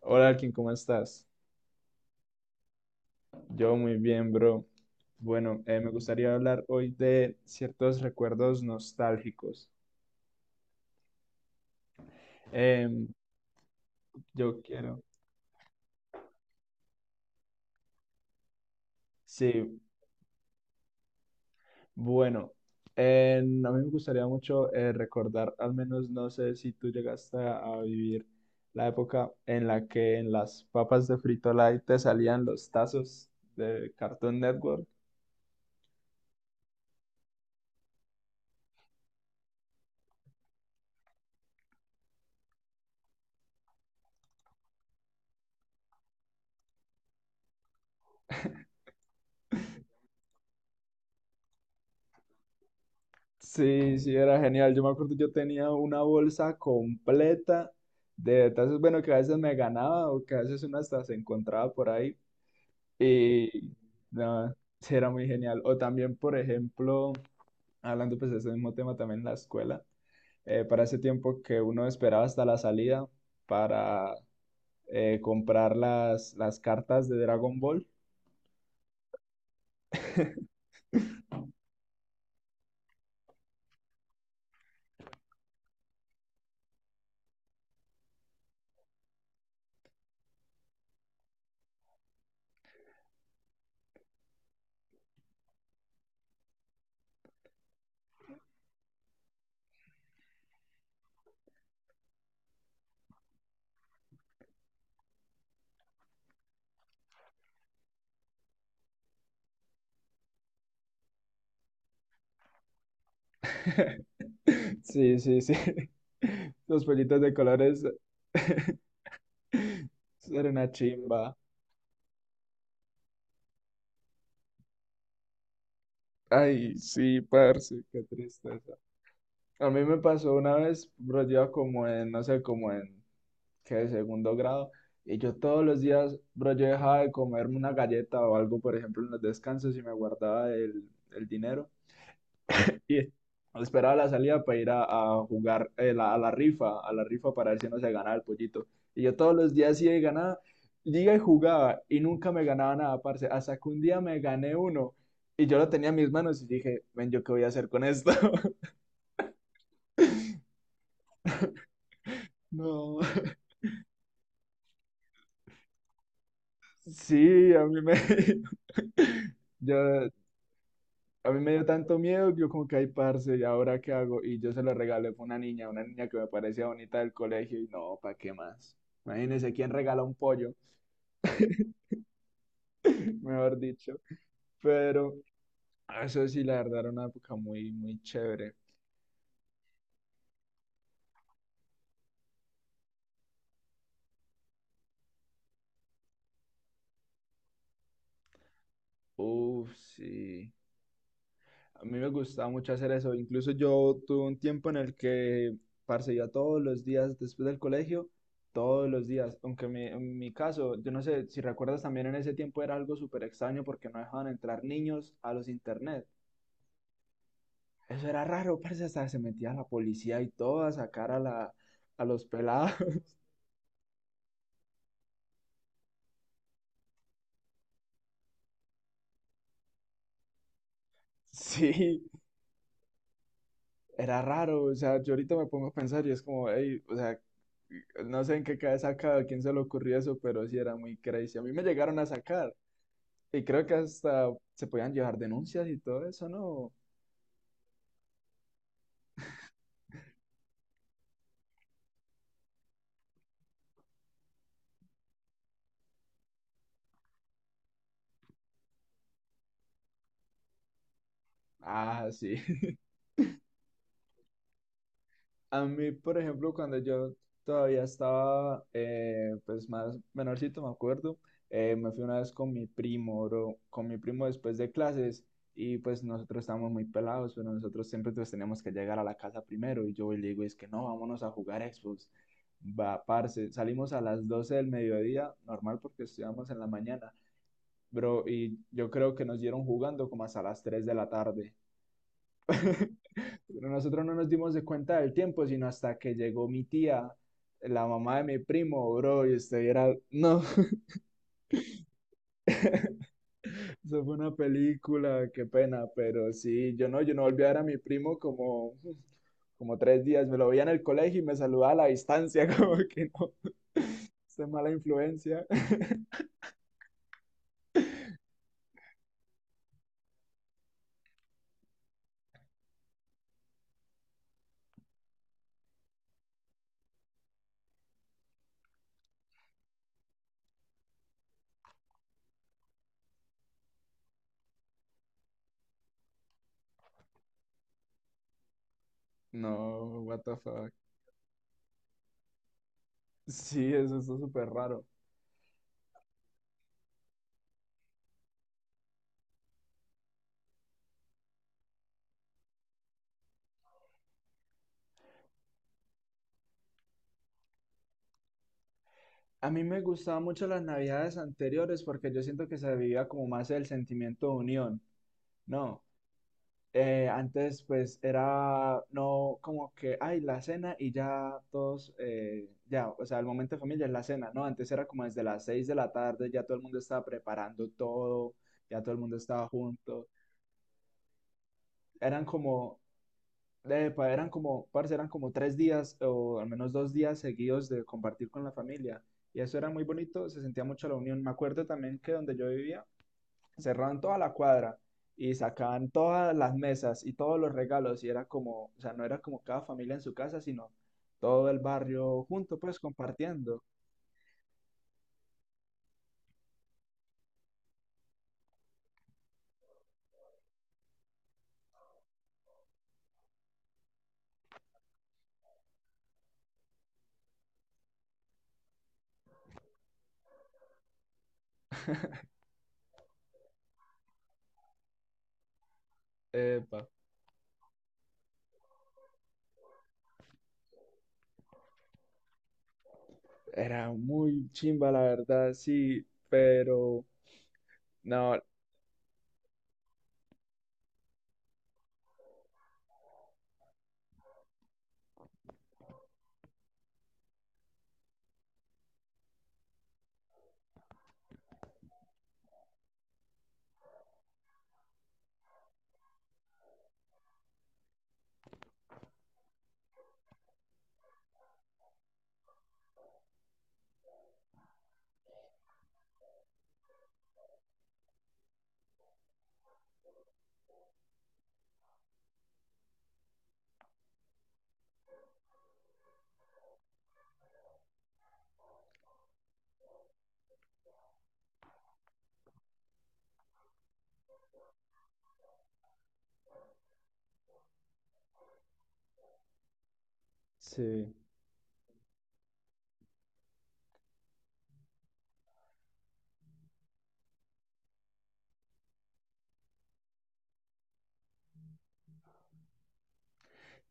Hola, Alkin, ¿cómo estás? Yo muy bien, bro. Bueno, me gustaría hablar hoy de ciertos recuerdos nostálgicos. Em, yo quiero. Sí, bueno, a mí me gustaría mucho recordar, al menos no sé si tú llegaste a vivir la época en la que en las papas de Frito Lay te salían los tazos de Cartoon Network. Sí, sí, era genial. Yo me acuerdo, yo tenía una bolsa completa de tazas, bueno, que a veces me ganaba o que a veces una hasta se encontraba por ahí. Y nada, sí, era muy genial. O también, por ejemplo, hablando pues de ese mismo tema también en la escuela, para ese tiempo que uno esperaba hasta la salida para comprar las cartas de Dragon Ball. Sí, sí, sí. Los pollitos de colores. Ser una chimba. Ay, sí, parce, qué tristeza. A mí me pasó una vez, bro, yo iba como en, no sé, como en, ¿qué? Segundo grado. Y yo todos los días, bro, yo dejaba de comerme una galleta o algo, por ejemplo, en los descansos y me guardaba el dinero. Y esperaba la salida para ir a jugar a la rifa para ver si no se ganaba el pollito. Y yo todos los días sí de ganaba, llega y jugaba y nunca me ganaba nada, parce. Hasta que un día me gané uno y yo lo tenía en mis manos y dije, ven, ¿yo qué voy a hacer con esto? No. Sí, yo, a mí me dio tanto miedo que yo como que, ay, parce, ¿y ahora qué hago? Y yo se lo regalé a una niña que me parecía bonita del colegio y no, ¿para qué más? Imagínense, ¿quién regala un pollo? Mejor dicho. Pero ah, eso sí, la verdad era una época muy, muy chévere. Uf, sí. A mí me gustaba mucho hacer eso. Incluso yo tuve un tiempo en el que, parce, iba todos los días después del colegio, todos los días. Aunque en mi caso, yo no sé si recuerdas también en ese tiempo era algo súper extraño porque no dejaban entrar niños a los internet. Eso era raro, parce, hasta se metía la policía y todo a sacar a a los pelados. Sí, era raro, o sea, yo ahorita me pongo a pensar y es como, hey, o sea, no sé en qué cabeza cada a quién se le ocurrió eso, pero sí era muy crazy. A mí me llegaron a sacar y creo que hasta se podían llevar denuncias y todo eso, ¿no? Ah, sí. A mí, por ejemplo, cuando yo todavía estaba, pues más menorcito, me acuerdo, me fui una vez con mi primo, bro, con mi primo después de clases y pues nosotros estábamos muy pelados, pero nosotros siempre pues teníamos que llegar a la casa primero y yo voy y le digo, es que no, vámonos a jugar Xbox. Va, parce, salimos a las 12 del mediodía, normal porque estudiamos en la mañana, bro, y yo creo que nos dieron jugando como hasta las 3 de la tarde. Pero nosotros no nos dimos de cuenta del tiempo, sino hasta que llegó mi tía, la mamá de mi primo, bro, y usted era, no, eso fue una película, qué pena, pero sí, yo no volví a ver a mi primo como tres días, me lo veía en el colegio y me saludaba a la distancia, como que no, esta es mala influencia. No, what the fuck. Sí, eso está súper raro. A mí me gustaban mucho las navidades anteriores porque yo siento que se vivía como más el sentimiento de unión, ¿no? Antes pues era no como que, ay, la cena y ya todos, ya, o sea, el momento de familia es la cena, ¿no? Antes era como desde las 6 de la tarde, ya todo el mundo estaba preparando todo, ya todo el mundo estaba junto. Eran como, parce, eran como tres días o al menos dos días seguidos de compartir con la familia. Y eso era muy bonito, se sentía mucho la unión. Me acuerdo también que donde yo vivía, cerraban toda la cuadra y sacaban todas las mesas y todos los regalos y era como, o sea, no era como cada familia en su casa, sino todo el barrio junto, pues compartiendo. Epa. Era muy chimba, la verdad, sí, pero no, sí.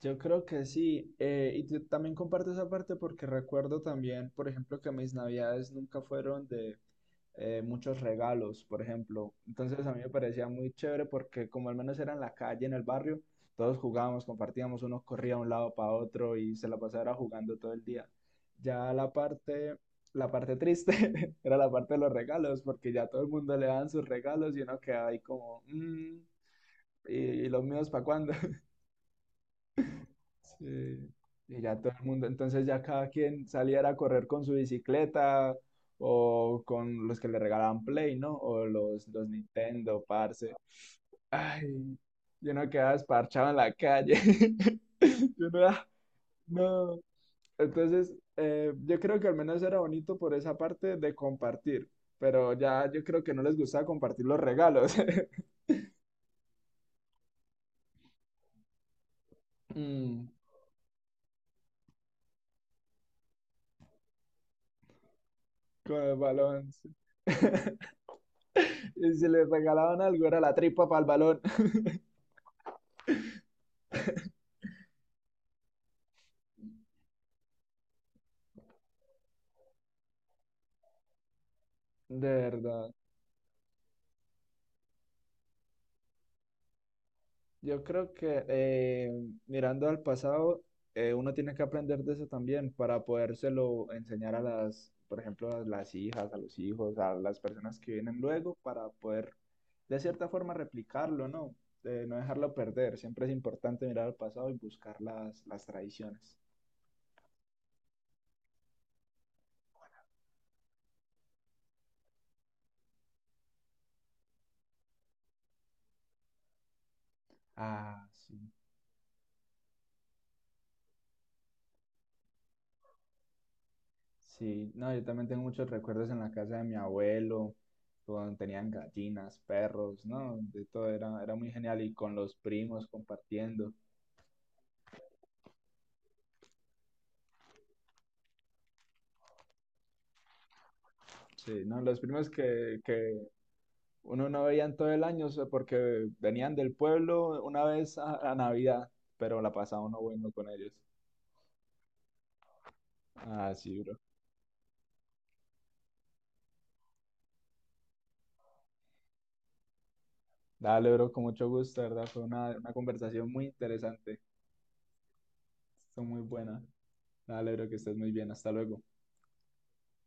Yo creo que sí, y yo también comparto esa parte porque recuerdo también, por ejemplo, que mis navidades nunca fueron de, muchos regalos, por ejemplo. Entonces a mí me parecía muy chévere porque como al menos era en la calle, en el barrio, todos jugábamos, compartíamos, uno corría de un lado para otro y se la pasaba jugando todo el día. Ya la parte triste era la parte de los regalos, porque ya todo el mundo le daban sus regalos y uno quedaba ahí como, "Mm, ¿y, y los míos para cuándo? Sí, y ya todo el mundo, entonces ya cada quien saliera a correr con su bicicleta o con los que le regalaban Play, ¿no? O los Nintendo, parce. Ay, yo no quedaba esparchado en la calle. Yo no, ah, no. Entonces, yo creo que al menos era bonito por esa parte de compartir, pero ya yo creo que no les gustaba compartir los regalos. Mm, con el balón. Sí. Y si les regalaban algo, era la tripa para el balón. De verdad. Yo creo que mirando al pasado, uno tiene que aprender de eso también para podérselo enseñar a las, por ejemplo, a las hijas, a los hijos, a las personas que vienen luego, para poder de cierta forma replicarlo, ¿no? No dejarlo perder. Siempre es importante mirar al pasado y buscar las tradiciones. Ah, sí. Sí, no, yo también tengo muchos recuerdos en la casa de mi abuelo, cuando tenían gallinas, perros, ¿no? De todo era, era muy genial y con los primos compartiendo. Sí, no, los primos que uno no veía en todo el año, o sea, porque venían del pueblo una vez a Navidad, pero la pasaba uno bueno con ellos. Ah, sí, bro. Dale, bro, con mucho gusto, de ¿verdad? Fue una conversación muy interesante. Son muy buenas. Dale, bro, que estés muy bien. Hasta luego.